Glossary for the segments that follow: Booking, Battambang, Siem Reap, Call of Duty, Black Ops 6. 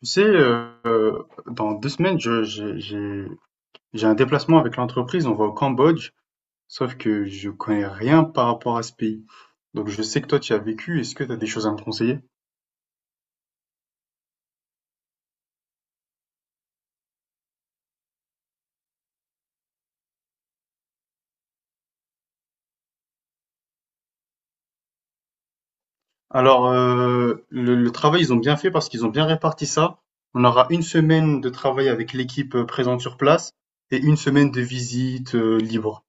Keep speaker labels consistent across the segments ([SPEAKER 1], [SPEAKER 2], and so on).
[SPEAKER 1] Tu sais, dans 2 semaines, j'ai un déplacement avec l'entreprise, on va au Cambodge, sauf que je connais rien par rapport à ce pays. Donc je sais que toi, tu y as vécu, est-ce que tu as des choses à me conseiller? Alors, le travail, ils ont bien fait parce qu'ils ont bien réparti ça. On aura 1 semaine de travail avec l'équipe présente sur place et 1 semaine de visite libre.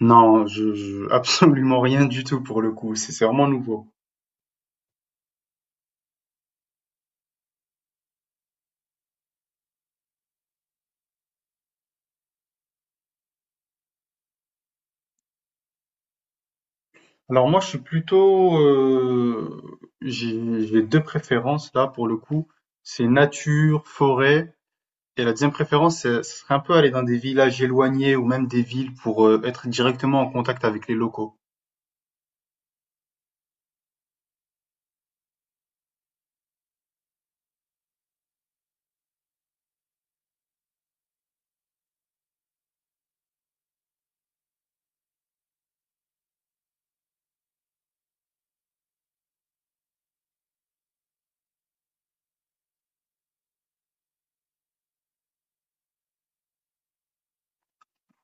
[SPEAKER 1] Non, absolument rien du tout pour le coup, c'est vraiment nouveau. Alors moi, je suis plutôt, j'ai 2 préférences là pour le coup. C'est nature, forêt. Et la deuxième préférence, ce serait un peu aller dans des villages éloignés ou même des villes pour être directement en contact avec les locaux.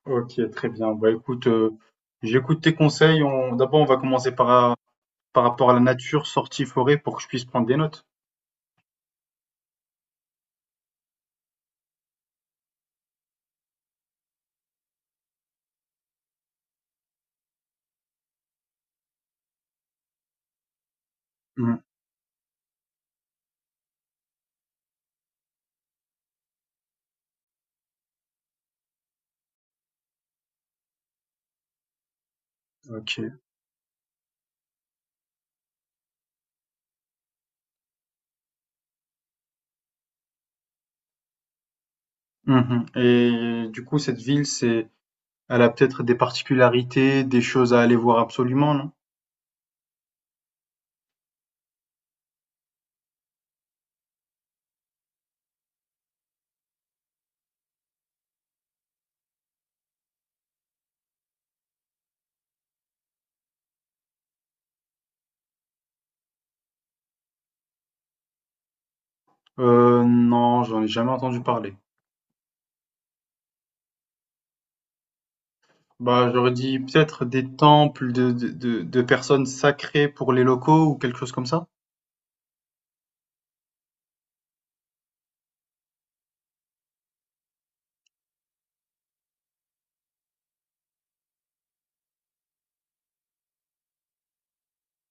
[SPEAKER 1] Ok, très bien. Bah écoute, j'écoute tes conseils. On, d'abord, on va commencer par rapport à la nature, sortie forêt, pour que je puisse prendre des notes. Hmm, ok. Mhm. Et du coup, cette ville, c'est, elle a peut-être des particularités, des choses à aller voir absolument, non? Non, j'en ai jamais entendu parler. Bah, j'aurais dit peut-être des temples de personnes sacrées pour les locaux ou quelque chose comme ça?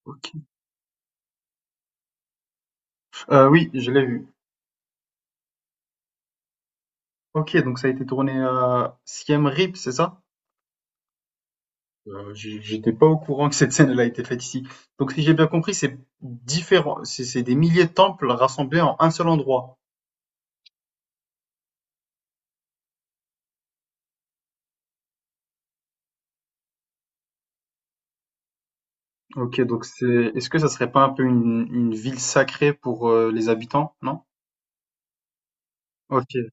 [SPEAKER 1] OK. Oui, je l'ai vu. OK, donc ça a été tourné à Siem Reap, c'est ça? J'étais pas au courant que cette scène, elle a été faite ici. Donc si j'ai bien compris, c'est des milliers de temples rassemblés en un seul endroit? OK, donc c'est est-ce que ça serait pas un peu une ville sacrée pour, les habitants, non? OK.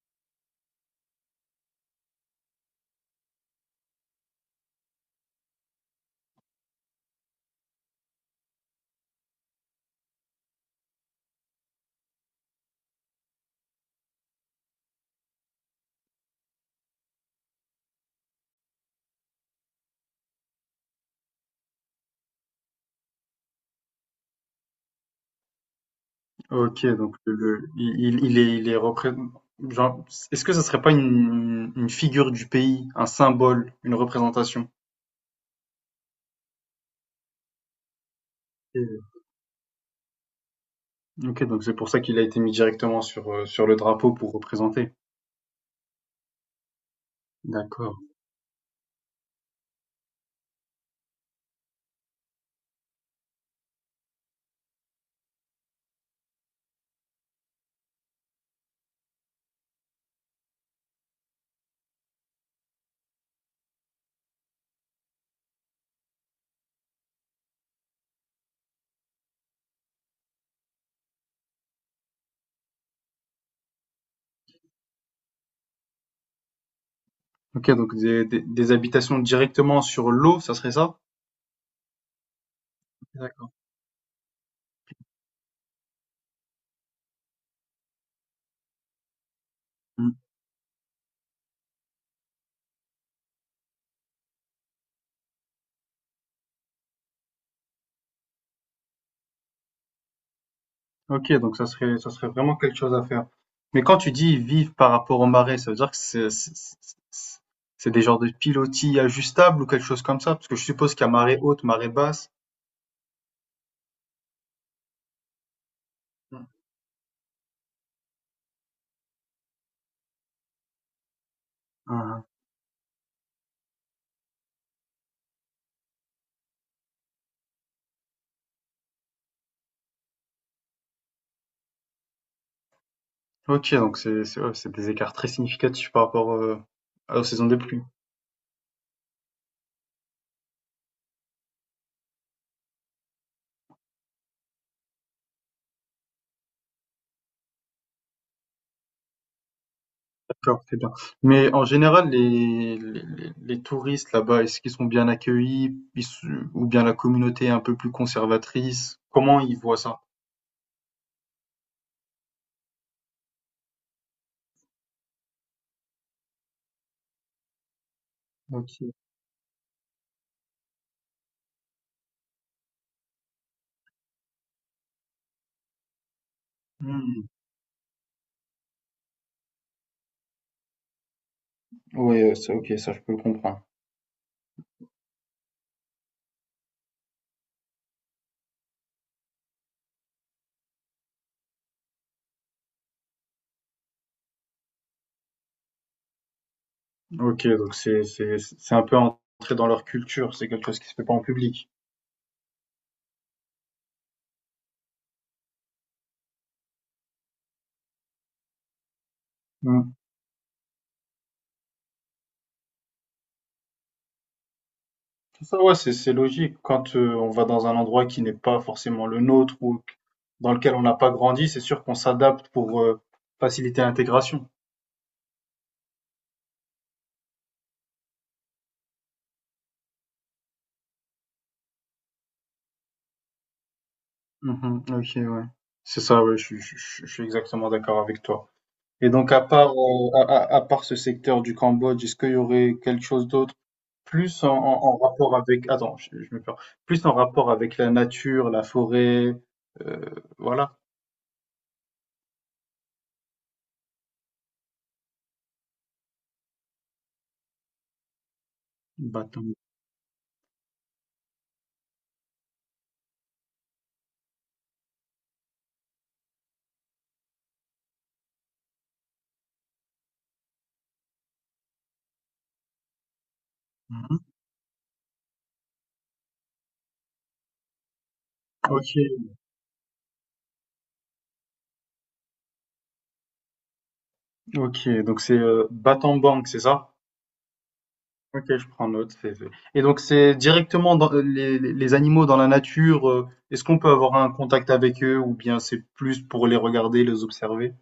[SPEAKER 1] OK, donc il est, genre, est-ce que ce serait pas une figure du pays, un symbole, une représentation? Ok, ok, donc c'est pour ça qu'il a été mis directement sur, sur le drapeau pour représenter. D'accord. Ok, donc des habitations directement sur l'eau, ça serait ça? D'accord. Mm. Ok, donc ça serait vraiment quelque chose à faire. Mais quand tu dis vivre par rapport aux marées, ça veut dire que c'est des genres de pilotis ajustables ou quelque chose comme ça? Parce que je suppose qu'il y a marée haute, marée basse. Hein, hein. OK, donc c'est ouais, c'est des écarts très significatifs par rapport, aux saisons des pluies. D'accord, c'est bien. Mais en général, les touristes là-bas, est-ce qu'ils sont bien accueillis? Ils se Ou bien la communauté est un peu plus conservatrice? Comment ils voient ça? OK. Oui. OK, ça je peux le comprendre. OK, donc c'est un peu entrer dans leur culture, c'est quelque chose qui se fait pas en public. Mmh. C'est ça, ouais, c'est logique. Quand on va dans un endroit qui n'est pas forcément le nôtre ou dans lequel on n'a pas grandi, c'est sûr qu'on s'adapte pour faciliter l'intégration. Mhm, ok, ouais. C'est ça, ouais, je suis exactement d'accord avec toi. Et donc, à part, à part ce secteur du Cambodge, est-ce qu'il y aurait quelque chose d'autre plus en rapport avec, attends, je me perds, plus en rapport avec la nature, la forêt, euh, voilà. Battambang. Mhm. Ok, ok, donc c'est Battambang, c'est ça? Ok, je prends note. Et donc, c'est directement dans les animaux dans la nature. Est-ce qu'on peut avoir un contact avec eux ou bien c'est plus pour les regarder, les observer?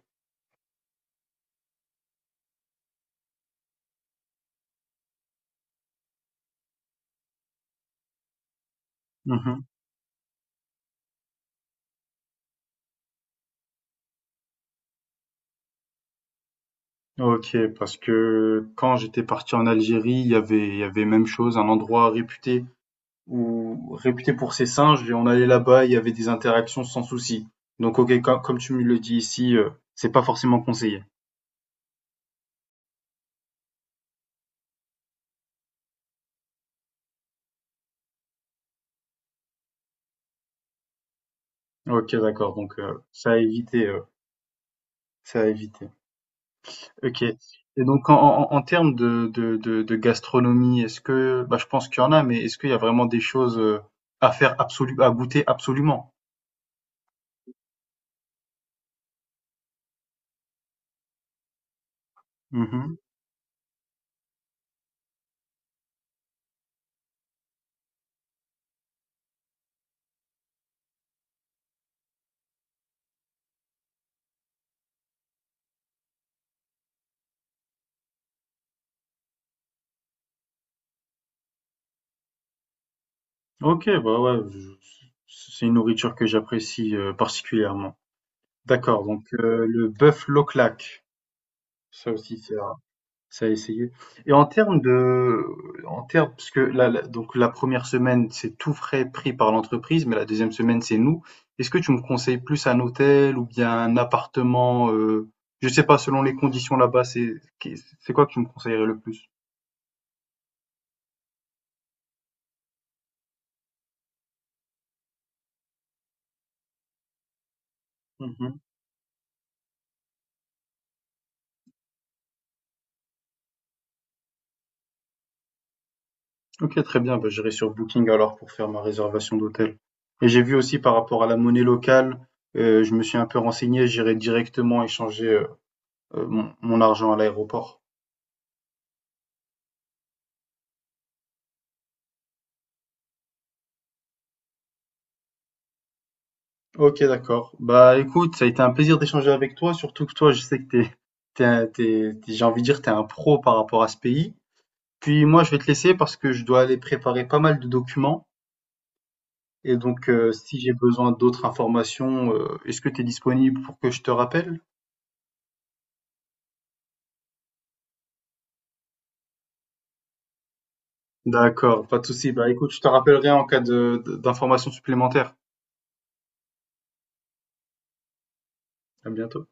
[SPEAKER 1] Mhm. Ok, parce que quand j'étais parti en Algérie, il y avait même chose, un endroit réputé ou réputé pour ses singes, et on allait là-bas, il y avait des interactions sans souci. Donc, ok, comme tu me le dis ici, c'est pas forcément conseillé. Ok, d'accord. Donc, ça a évité. OK. Et donc en en en termes de gastronomie, est-ce que bah, je pense qu'il y en a, mais est-ce qu'il y a vraiment des choses, heu, à goûter absolument? Mmh. OK, bah, ouais, je c'est une nourriture que j'apprécie, particulièrement. D'accord, donc le bœuf Lauchlac, ça aussi c'est ça a essayé. Et en termes de En termes parce que là, donc la 1re semaine, c'est tout frais pris par l'entreprise, mais la 2e semaine, c'est nous. Est-ce que tu me conseilles plus un hôtel ou bien un appartement, je sais pas, selon les conditions là-bas, c'est qu'est c'est quoi que tu me conseillerais le plus? Mmh. OK, très bien, bah, j'irai sur Booking alors pour faire ma réservation d'hôtel. Et j'ai vu aussi par rapport à la monnaie locale, je me suis un peu renseigné, j'irai directement échanger, mon argent à l'aéroport. Ok, d'accord. Bah écoute, ça a été un plaisir d'échanger avec toi, surtout que toi, je sais que t'es, j'ai envie de dire, t'es un pro par rapport à ce pays. Puis moi, je vais te laisser parce que je dois aller préparer pas mal de documents. Et donc, si j'ai besoin d'autres informations, est-ce que tu es disponible pour que je te rappelle? D'accord, pas de souci. Bah écoute, je te rappellerai en cas d'informations supplémentaires. À bientôt.